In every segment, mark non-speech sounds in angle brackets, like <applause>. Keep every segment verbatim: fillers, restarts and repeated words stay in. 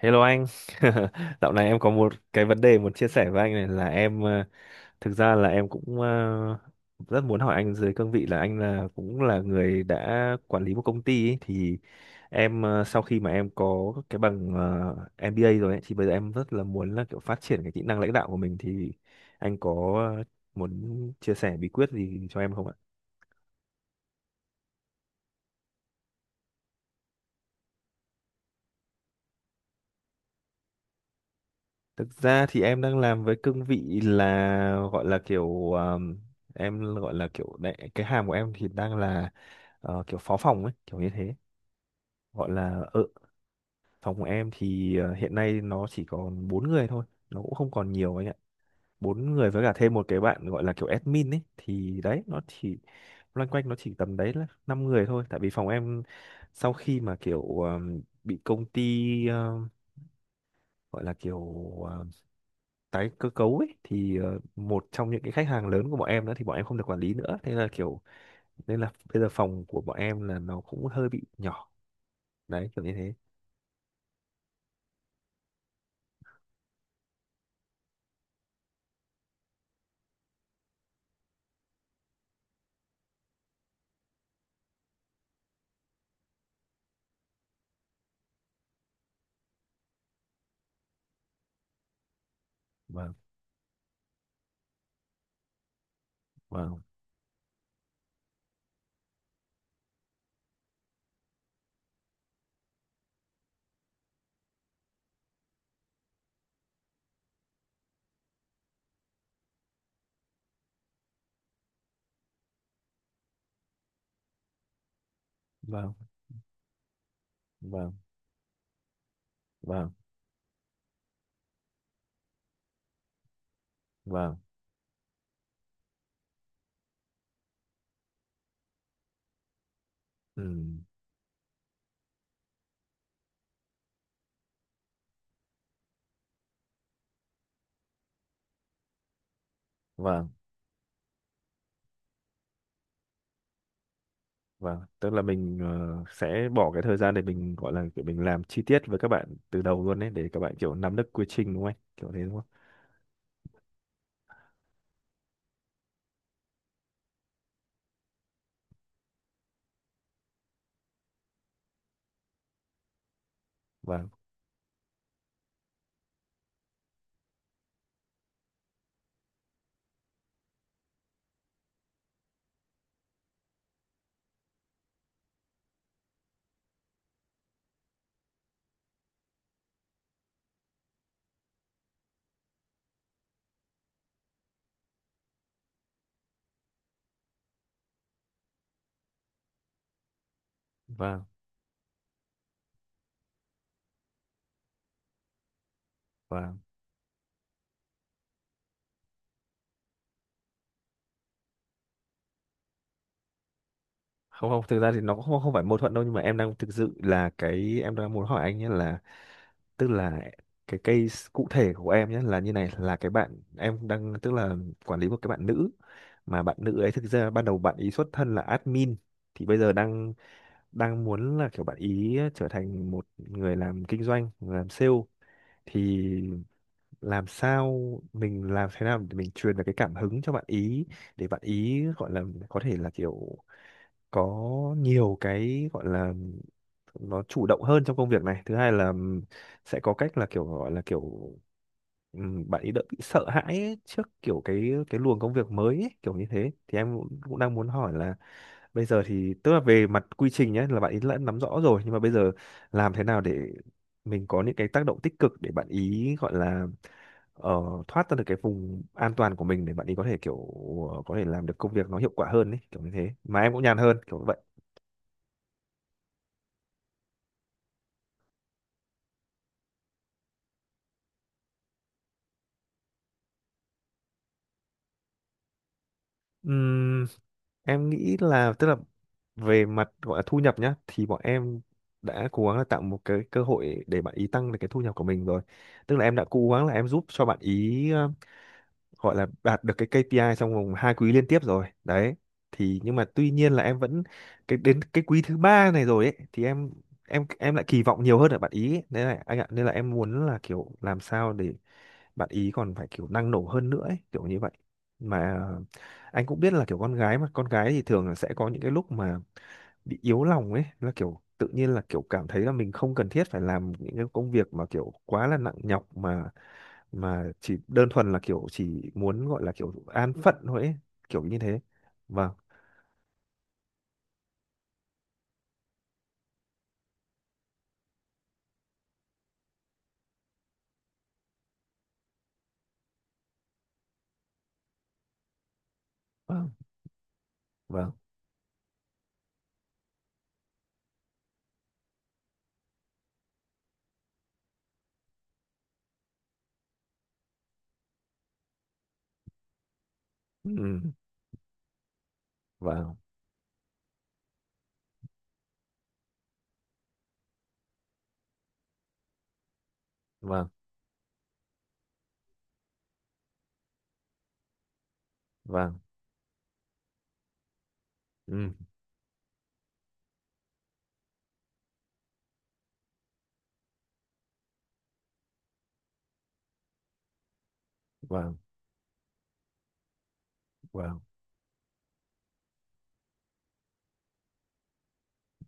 Hello anh, <laughs> dạo này em có một cái vấn đề muốn chia sẻ với anh này là em ờ, thực ra là em cũng ờ, rất muốn hỏi anh dưới cương vị là anh là cũng là người đã quản lý một công ty ấy, thì em ờ, sau khi mà em có cái bằng ờ, em bi ây rồi ấy, thì bây giờ em rất là muốn là kiểu phát triển cái kỹ năng lãnh đạo của mình thì anh có ờ, muốn chia sẻ bí quyết gì cho em không ạ? Thực ra thì em đang làm với cương vị là gọi là kiểu um, em gọi là kiểu đại, cái hàm của em thì đang là ờ, kiểu phó phòng ấy, kiểu như thế. Gọi là ở phòng của em thì ờ, hiện nay nó chỉ còn bốn người thôi, nó cũng không còn nhiều anh ạ. Bốn người với cả thêm một cái bạn gọi là kiểu admin ấy thì đấy nó chỉ loanh quanh nó chỉ tầm đấy là năm người thôi tại vì phòng em sau khi mà kiểu um, bị công ty um, gọi là kiểu ờ, tái cơ cấu ấy thì ờ, một trong những cái khách hàng lớn của bọn em nữa thì bọn em không được quản lý nữa thế là kiểu nên là bây giờ phòng của bọn em là nó cũng hơi bị nhỏ đấy kiểu như thế. Vâng. Vâng. Vâng. Vâng. Vâng. Vâng. Ừ. Vâng. Vâng tức là mình ờ, sẽ bỏ cái thời gian để mình gọi là kiểu mình làm chi tiết với các bạn từ đầu luôn đấy để các bạn kiểu nắm được quy trình đúng không anh kiểu thế đúng không? Vâng. Vâng. Vâng. Không không thực ra thì nó cũng không, không phải mâu thuẫn đâu nhưng mà em đang thực sự là cái em đang muốn hỏi anh nhé là tức là cái case cụ thể của em nhé là như này là cái bạn em đang tức là quản lý một cái bạn nữ mà bạn nữ ấy thực ra ban đầu bạn ý xuất thân là admin thì bây giờ đang đang muốn là kiểu bạn ý trở thành một người làm kinh doanh người làm sale thì làm sao mình làm thế nào để mình truyền được cái cảm hứng cho bạn ý để bạn ý gọi là có thể là kiểu có nhiều cái gọi là nó chủ động hơn trong công việc này thứ hai là ừm, sẽ có cách là kiểu gọi là kiểu ừm, bạn ấy đỡ bị sợ hãi ấy, trước kiểu cái cái luồng công việc mới ấy, kiểu như thế thì em cũng, cũng đang muốn hỏi là bây giờ thì tức là về mặt quy trình nhé là bạn ấy đã nắm rõ rồi nhưng mà bây giờ làm thế nào để mình có những cái tác động tích cực để bạn ý gọi là ờ, thoát ra được cái vùng an toàn của mình để bạn ý có thể kiểu ờ, có thể làm được công việc nó hiệu quả hơn ấy kiểu như thế mà em cũng nhàn hơn kiểu như vậy. Em nghĩ là tức là về mặt gọi là thu nhập nhá thì bọn em đã cố gắng là tạo một cái cơ hội để bạn ý tăng được cái thu nhập của mình rồi tức là em đã cố gắng là em giúp cho bạn ý ờ, gọi là đạt được cái kây pi ai trong vòng hai quý liên tiếp rồi đấy thì nhưng mà tuy nhiên là em vẫn cái đến cái quý thứ ba này rồi ấy thì em em em lại kỳ vọng nhiều hơn ở bạn ý ấy. Nên là anh ạ nên là em muốn là kiểu làm sao để bạn ý còn phải kiểu năng nổ hơn nữa ấy, kiểu như vậy mà anh cũng biết là kiểu con gái mà con gái thì thường là sẽ có những cái lúc mà bị yếu lòng ấy là kiểu tự nhiên là kiểu cảm thấy là mình không cần thiết phải làm những cái công việc mà kiểu quá là nặng nhọc mà mà chỉ đơn thuần là kiểu chỉ muốn gọi là kiểu an phận thôi ấy, kiểu như thế. Vâng. Vâng. Vâng. Ừ. Vâng. Vâng. Vâng. Ừ. Vâng. Vâng.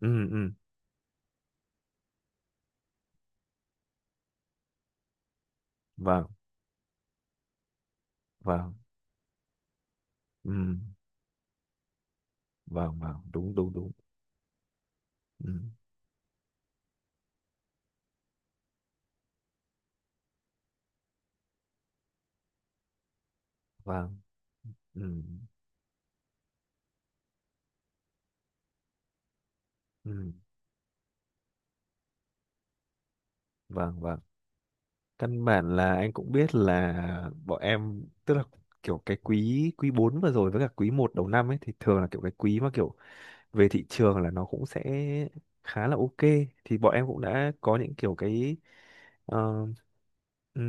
Ừ. Ừ. Vâng. Vâng. Ừ. Vâng. Vâng đúng đúng đúng. Ừ. Vâng. Ừ. Ừ. Vâng. Vâng căn bản là anh cũng biết là bọn em tức là kiểu cái quý quý bốn vừa rồi với cả quý một đầu năm ấy thì thường là kiểu cái quý mà kiểu về thị trường là nó cũng sẽ khá là ok thì bọn em cũng đã có những kiểu cái ờ, ừ,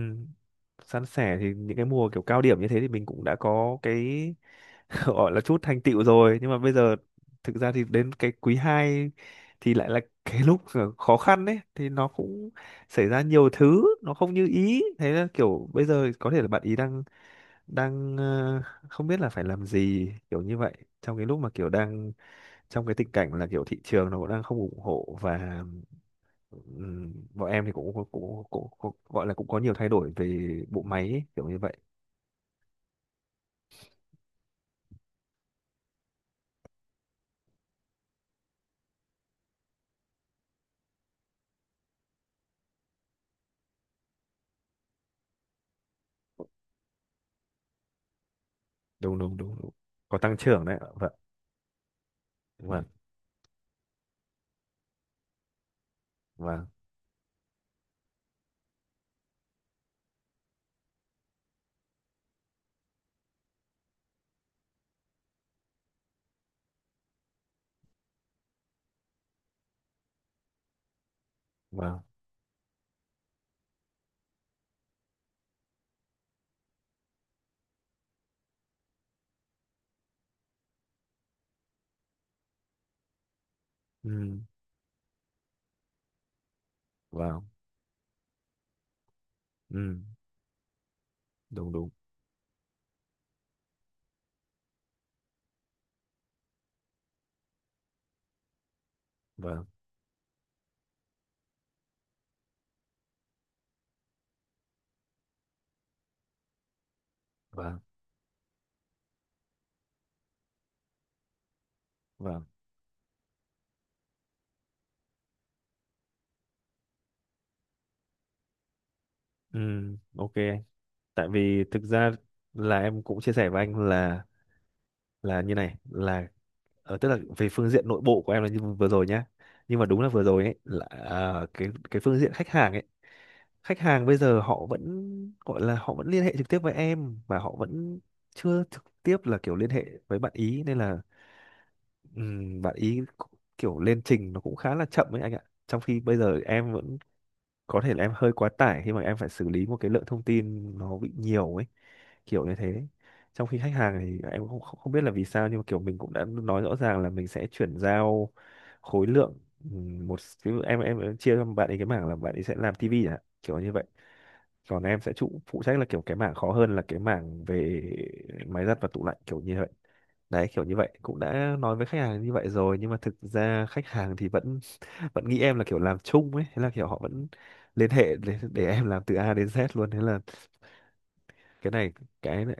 san sẻ thì những cái mùa kiểu cao điểm như thế thì mình cũng đã có cái <laughs> gọi là chút thành tựu rồi nhưng mà bây giờ thực ra thì đến cái quý hai thì lại là cái lúc khó khăn đấy thì nó cũng xảy ra nhiều thứ nó không như ý thế là kiểu bây giờ có thể là bạn ý đang đang ờ, không biết là phải làm gì kiểu như vậy trong cái lúc mà kiểu đang trong cái tình cảnh là kiểu thị trường nó cũng đang không ủng hộ và ừm, bọn em thì cũng, cũng, cũng, cũng, cũng gọi là cũng có nhiều thay đổi về bộ máy ấy, kiểu như vậy. Đúng đúng đúng, đúng. Có tăng trưởng đấy ạ. Vâng. Vâng. Vâng. Vâng. Ừ. Vâng. Ừ. Đúng đúng. Vâng. Vâng. Vâng. Ừ. Ok tại vì thực ra là em cũng chia sẻ với anh là là như này là ờ, tức là về phương diện nội bộ của em là như vừa rồi nhá nhưng mà đúng là vừa rồi ấy là à, cái cái phương diện khách hàng ấy khách hàng bây giờ họ vẫn gọi là họ vẫn liên hệ trực tiếp với em và họ vẫn chưa trực tiếp là kiểu liên hệ với bạn ý nên là ừm, bạn ý kiểu lên trình nó cũng khá là chậm ấy anh ạ trong khi bây giờ em vẫn có thể là em hơi quá tải khi mà em phải xử lý một cái lượng thông tin nó bị nhiều ấy kiểu như thế trong khi khách hàng thì em không không không biết là vì sao nhưng mà kiểu mình cũng đã nói rõ ràng là mình sẽ chuyển giao khối lượng ừm, một ví dụ em em em chia cho bạn ấy cái mảng là bạn ấy sẽ làm tivi à kiểu như vậy còn em sẽ trụ phụ trách là kiểu cái mảng khó hơn là cái mảng về máy giặt và tủ lạnh kiểu như vậy đấy kiểu như vậy cũng đã nói với khách hàng như vậy rồi nhưng mà thực ra khách hàng thì vẫn <laughs> vẫn nghĩ em là kiểu làm chung ấy thế là kiểu họ vẫn liên hệ để, để em làm từ A đến Z luôn thế là cái này cái này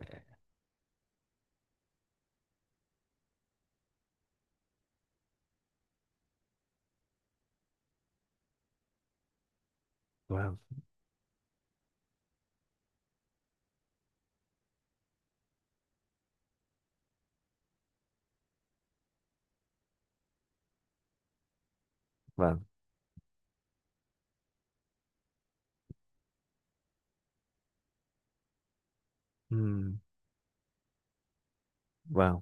Vâng. Vâng. Ừm. Vâng.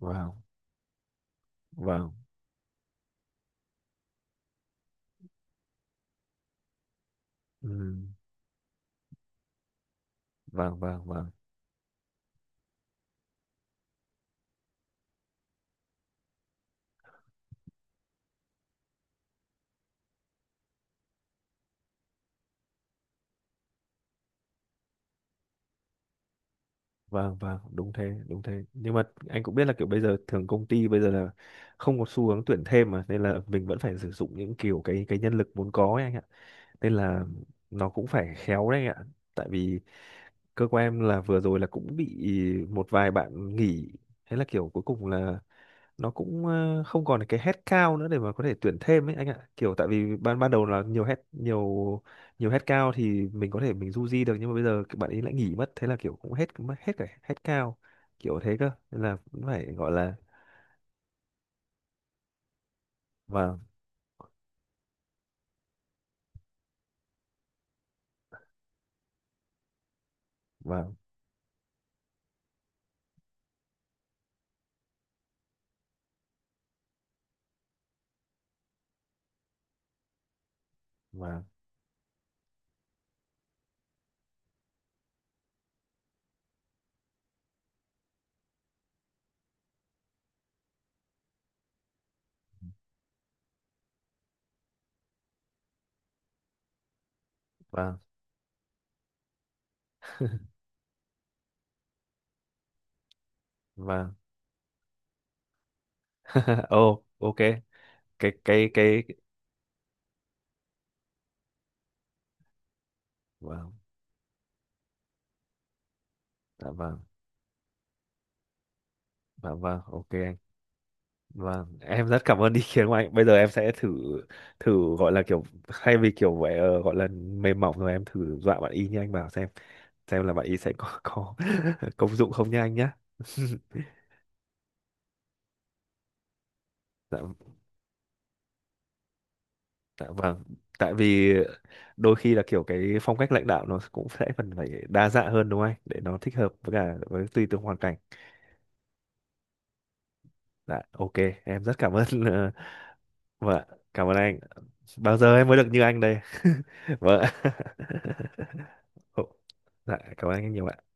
Vâng. Vâng. Ừm. Vâng. Vâng. Vâng. Vâng. Vâng đúng thế đúng thế nhưng mà anh cũng biết là kiểu bây giờ thường công ty bây giờ là không có xu hướng tuyển thêm mà nên là mình vẫn phải sử dụng những kiểu cái cái nhân lực vốn có ấy anh ạ nên là nó cũng phải khéo đấy anh ạ tại vì cơ quan em là vừa rồi là cũng bị một vài bạn nghỉ thế là kiểu cuối cùng là nó cũng ờ, không còn cái head cao nữa để mà có thể tuyển thêm ấy anh ạ kiểu tại vì ban ban đầu là nhiều head nhiều nhiều head cao thì mình có thể mình du di được nhưng mà bây giờ các bạn ấy lại nghỉ mất thế là kiểu cũng hết mất hết cả head cao kiểu thế cơ nên là cũng phải gọi là. Vâng. Vâng. Vâng. Vâng. Vâng. <laughs> Ồ ok cái cái cái Vâng. Dạ vâng. Dạ vâng ok anh. Vâng, em rất cảm ơn ý kiến của anh. Bây giờ em sẽ thử thử gọi là kiểu thay vì kiểu vậy ờ, gọi là mềm mỏng rồi em thử dọa bạn y như anh bảo xem xem là bạn y sẽ có có <laughs> công dụng không nha anh nhá. <laughs> Dạ, dạ vâng. Tại vì đôi khi là kiểu cái phong cách lãnh đạo nó cũng sẽ phần phải đa dạng hơn đúng không anh? Để nó thích hợp với cả với tùy từng hoàn cảnh. Dạ, ok, em rất cảm ơn. <laughs> ờ, Vâng, ạ, cảm ơn anh. Bao giờ em mới được như anh đây? <laughs> Vâng. Ạ. <laughs> Ồ, dạ, cảm ơn anh nhiều ạ.